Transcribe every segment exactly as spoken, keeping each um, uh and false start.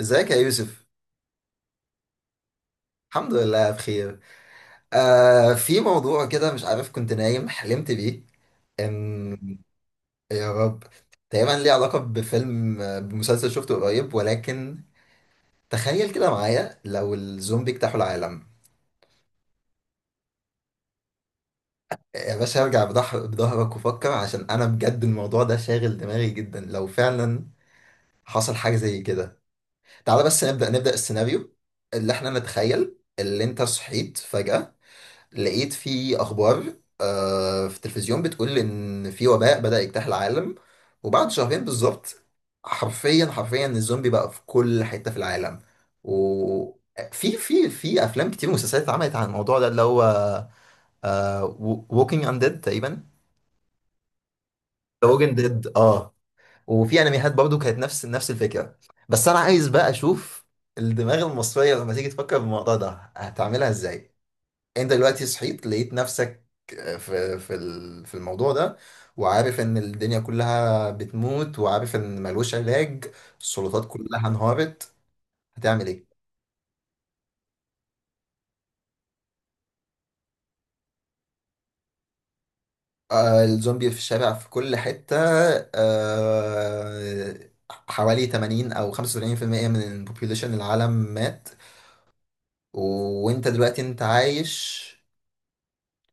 ازيك يا يوسف؟ الحمد لله بخير. آه، في موضوع كده مش عارف، كنت نايم حلمت بيه ان. يا رب. تقريبا ليه علاقة بفيلم، آه، بمسلسل شفته قريب، ولكن تخيل كده معايا لو الزومبي اجتاحوا العالم. يا باشا ارجع بضح- بظهرك وفكر، عشان انا بجد الموضوع ده شاغل دماغي جدا لو فعلا حصل حاجة زي كده. تعال بس نبدأ نبدأ السيناريو اللي احنا نتخيل، اللي انت صحيت فجأة لقيت في اخبار، آه، في التلفزيون، بتقول ان في وباء بدأ يجتاح العالم. وبعد شهرين بالظبط، حرفيا حرفيا الزومبي بقى في كل حتة في العالم. وفي في في افلام كتير ومسلسلات اتعملت عن الموضوع ده، اللي هو ووكينج انديد تقريبا. ذا ووكينج ديد، اه. وفي انميات برضو كانت نفس نفس الفكرة. بس انا عايز بقى اشوف الدماغ المصرية لما تيجي تفكر في الموضوع ده هتعملها ازاي. انت دلوقتي صحيت، لقيت نفسك آه، في في ال- في الموضوع ده، وعارف ان الدنيا كلها بتموت، وعارف ان ملوش علاج، السلطات كلها انهارت. هتعمل ايه؟ آه، الزومبي في الشارع في كل حتة. آه، حوالي ثمانين او خمسة وسبعين في المية من البوبيوليشن العالم مات. و- وانت دلوقتي انت عايش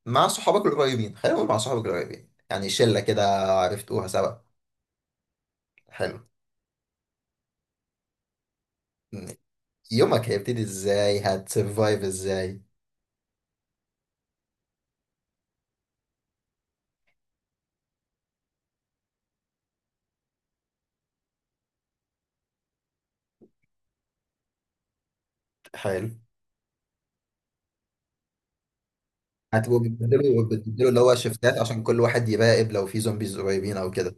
مع صحابك القريبين، خلينا نقول مع صحابك القريبين، يعني شلة كده عرفتوها سوا. حلو. يومك هيبتدي ازاي؟ هتسرفايف ازاي؟ حلو. هتبقوا بتبدلوا بتبدلوا اللي هو شفتات، عشان كل واحد يراقب لو في زومبيز قريبين او كده.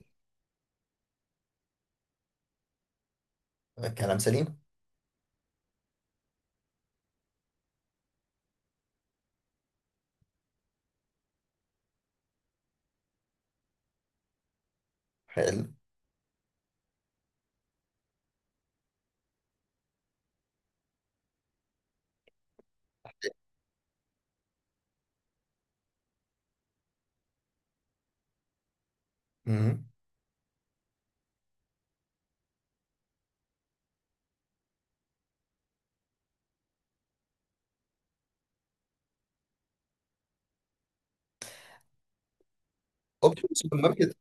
كلام سليم. حلو. اوبشن السوبر ماركت،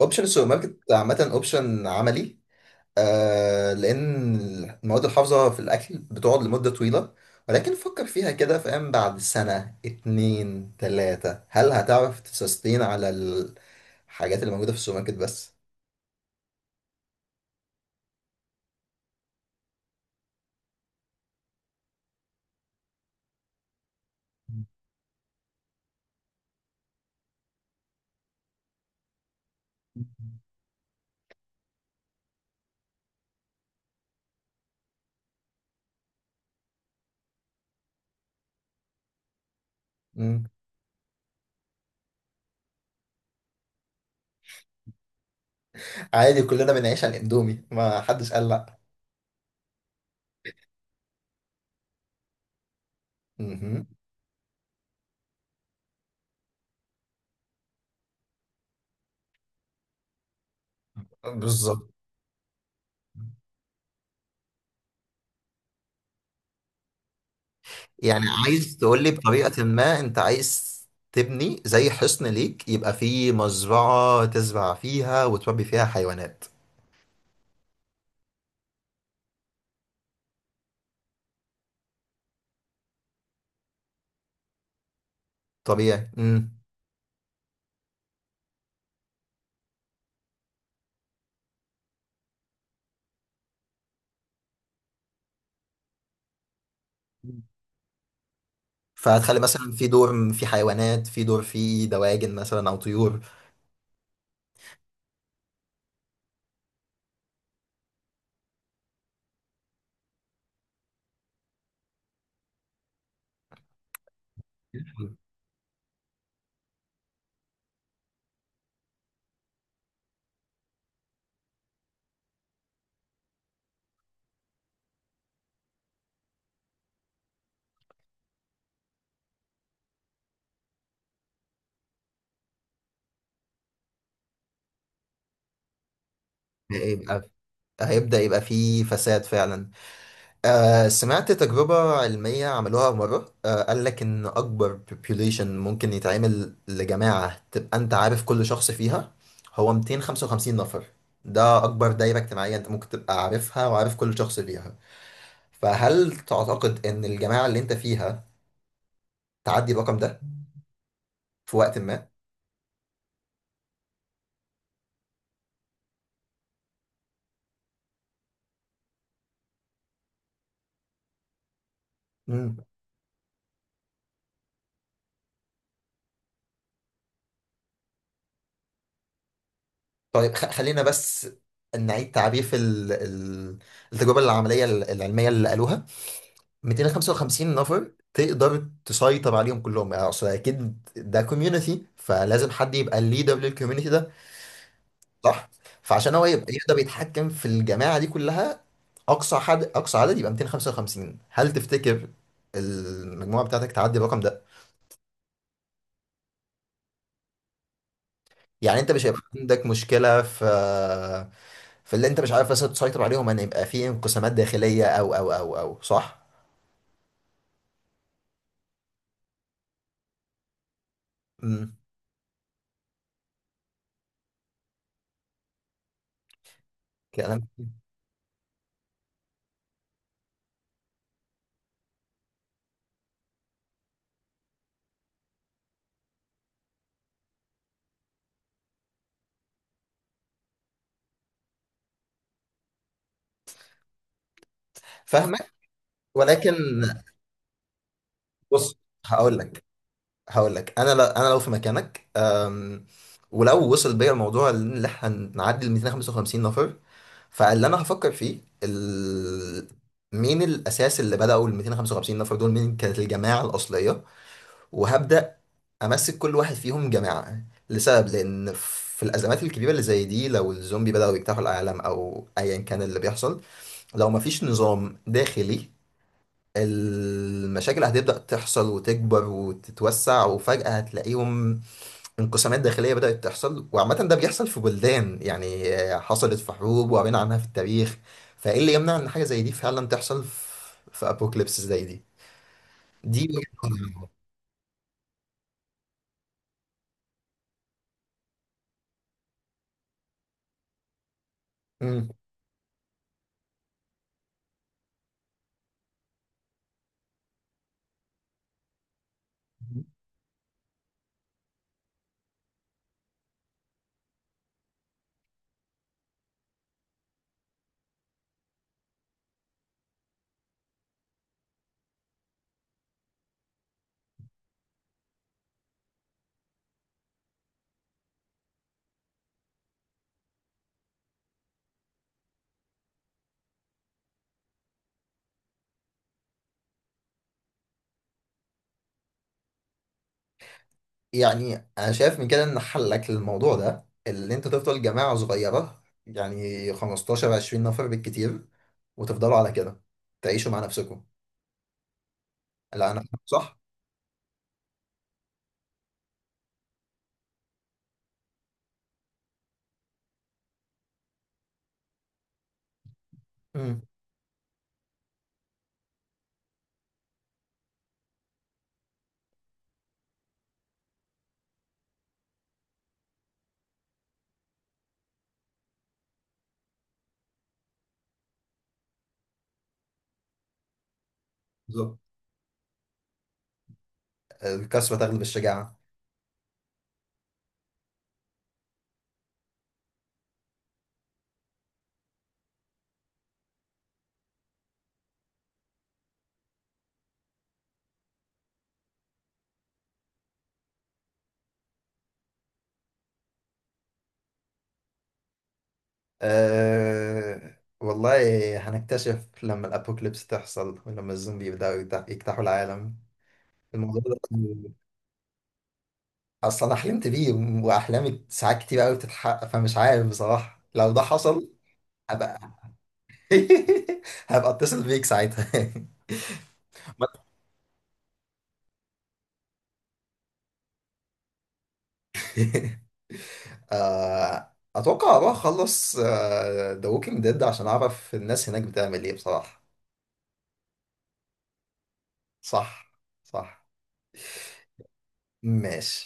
اوبشن السوبر ماركت عامة اوبشن عملي. آه، لان المواد الحافظة في الاكل بتقعد لمدة طويلة. ولكن فكر فيها كده، فاهم؟ بعد سنة اتنين تلاتة، هل هتعرف تسستين على الحاجات اللي موجودة في السوبر ماركت بس؟ مم. عادي، كلنا بنعيش على الاندومي، ما حدش قال لا. مهم. بالظبط. يعني عايز تقول لي بطريقة ما، انت عايز تبني زي حصن ليك يبقى فيه مزرعة تزرع فيها وتربي فيها حيوانات. طبيعي. امم. فهتخلي مثلا في دور في حيوانات، في دور في دواجن مثلا او طيور. هيبقى هيبدأ يبقى فيه فساد فعلا. آه، سمعت تجربة علمية عملوها مرة، آه قال لك إن أكبر population ممكن يتعمل لجماعة تبقى أنت عارف كل شخص فيها هو مئتين وخمسة وخمسين نفر. ده أكبر دايرة اجتماعية أنت ممكن تبقى عارفها وعارف كل شخص فيها. فهل تعتقد إن الجماعة اللي أنت فيها تعدي الرقم ده في وقت ما؟ مم. طيب، خ- خلينا بس نعيد تعريف ال- ال- التجربة العملية العلمية اللي قالوها. مئتين وخمسة وخمسين نفر تقدر تسيطر عليهم كلهم، يعني اصل اكيد ده كوميونتي، فلازم حد يبقى الليدر للكوميونتي ده، صح؟ فعشان هو يبقى يقدر يتحكم في الجماعه دي كلها، اقصى حد اقصى عدد يبقى مئتين وخمسة وخمسين. هل تفتكر المجموعه بتاعتك تعدي الرقم ده؟ يعني انت مش هيبقى عندك مشكله في في اللي انت مش عارف مثلا تسيطر عليهم، ان يبقى في انقسامات داخليه، او او او او صح؟ امم. كلام. فاهمك. ولكن بص، هقول لك هقول لك انا، لو انا لو في مكانك، أم، ولو وصل بيا الموضوع اللي احنا هنعدي ال مئتين وخمسة وخمسين نفر، فاللي انا هفكر فيه ال... مين الاساس اللي بداوا ال مئتين وخمسة وخمسين نفر دول، مين كانت الجماعه الاصليه، وهبدا امسك كل واحد فيهم جماعه. لسبب، لان في الازمات الكبيره اللي زي دي، لو الزومبي بداوا يجتاحوا العالم او ايا كان اللي بيحصل، لو مفيش نظام داخلي، المشاكل هتبدأ تحصل وتكبر وتتوسع، وفجأة هتلاقيهم انقسامات داخلية بدأت تحصل. وعامة ده بيحصل في بلدان، يعني آه، حصلت في حروب وقرينا عنها في التاريخ. فإيه اللي يمنع إن حاجة زي دي فعلا تحصل في, في أبوكاليبس زي دي. دي وجهة نظري. مم. يعني أنا شايف من كده إن حلك للموضوع ده اللي أنت تفضل جماعة صغيرة، يعني خمستاشر عشرين نفر بالكتير، وتفضلوا على كده، تعيشوا مع نفسكم. لا، أنا صح؟ مم. بالظبط. الكثرة تغلب الشجاعة. أه والله هنكتشف لما الأبوكليبس تحصل ولما الزومبي يبدأوا يجت- يجتاحوا العالم. الموضوع ده أصلا أنا حلمت بيه، وأحلامي ساعات كتير أوي بتتحقق، فمش عارف بصراحة لو ده حصل. هبقى هبقى أتصل بيك ساعتها. أه، أتوقع أروح أخلص ذا ووكينج ديد عشان أعرف الناس هناك بتعمل إيه بصراحة. صح، صح. ماشي.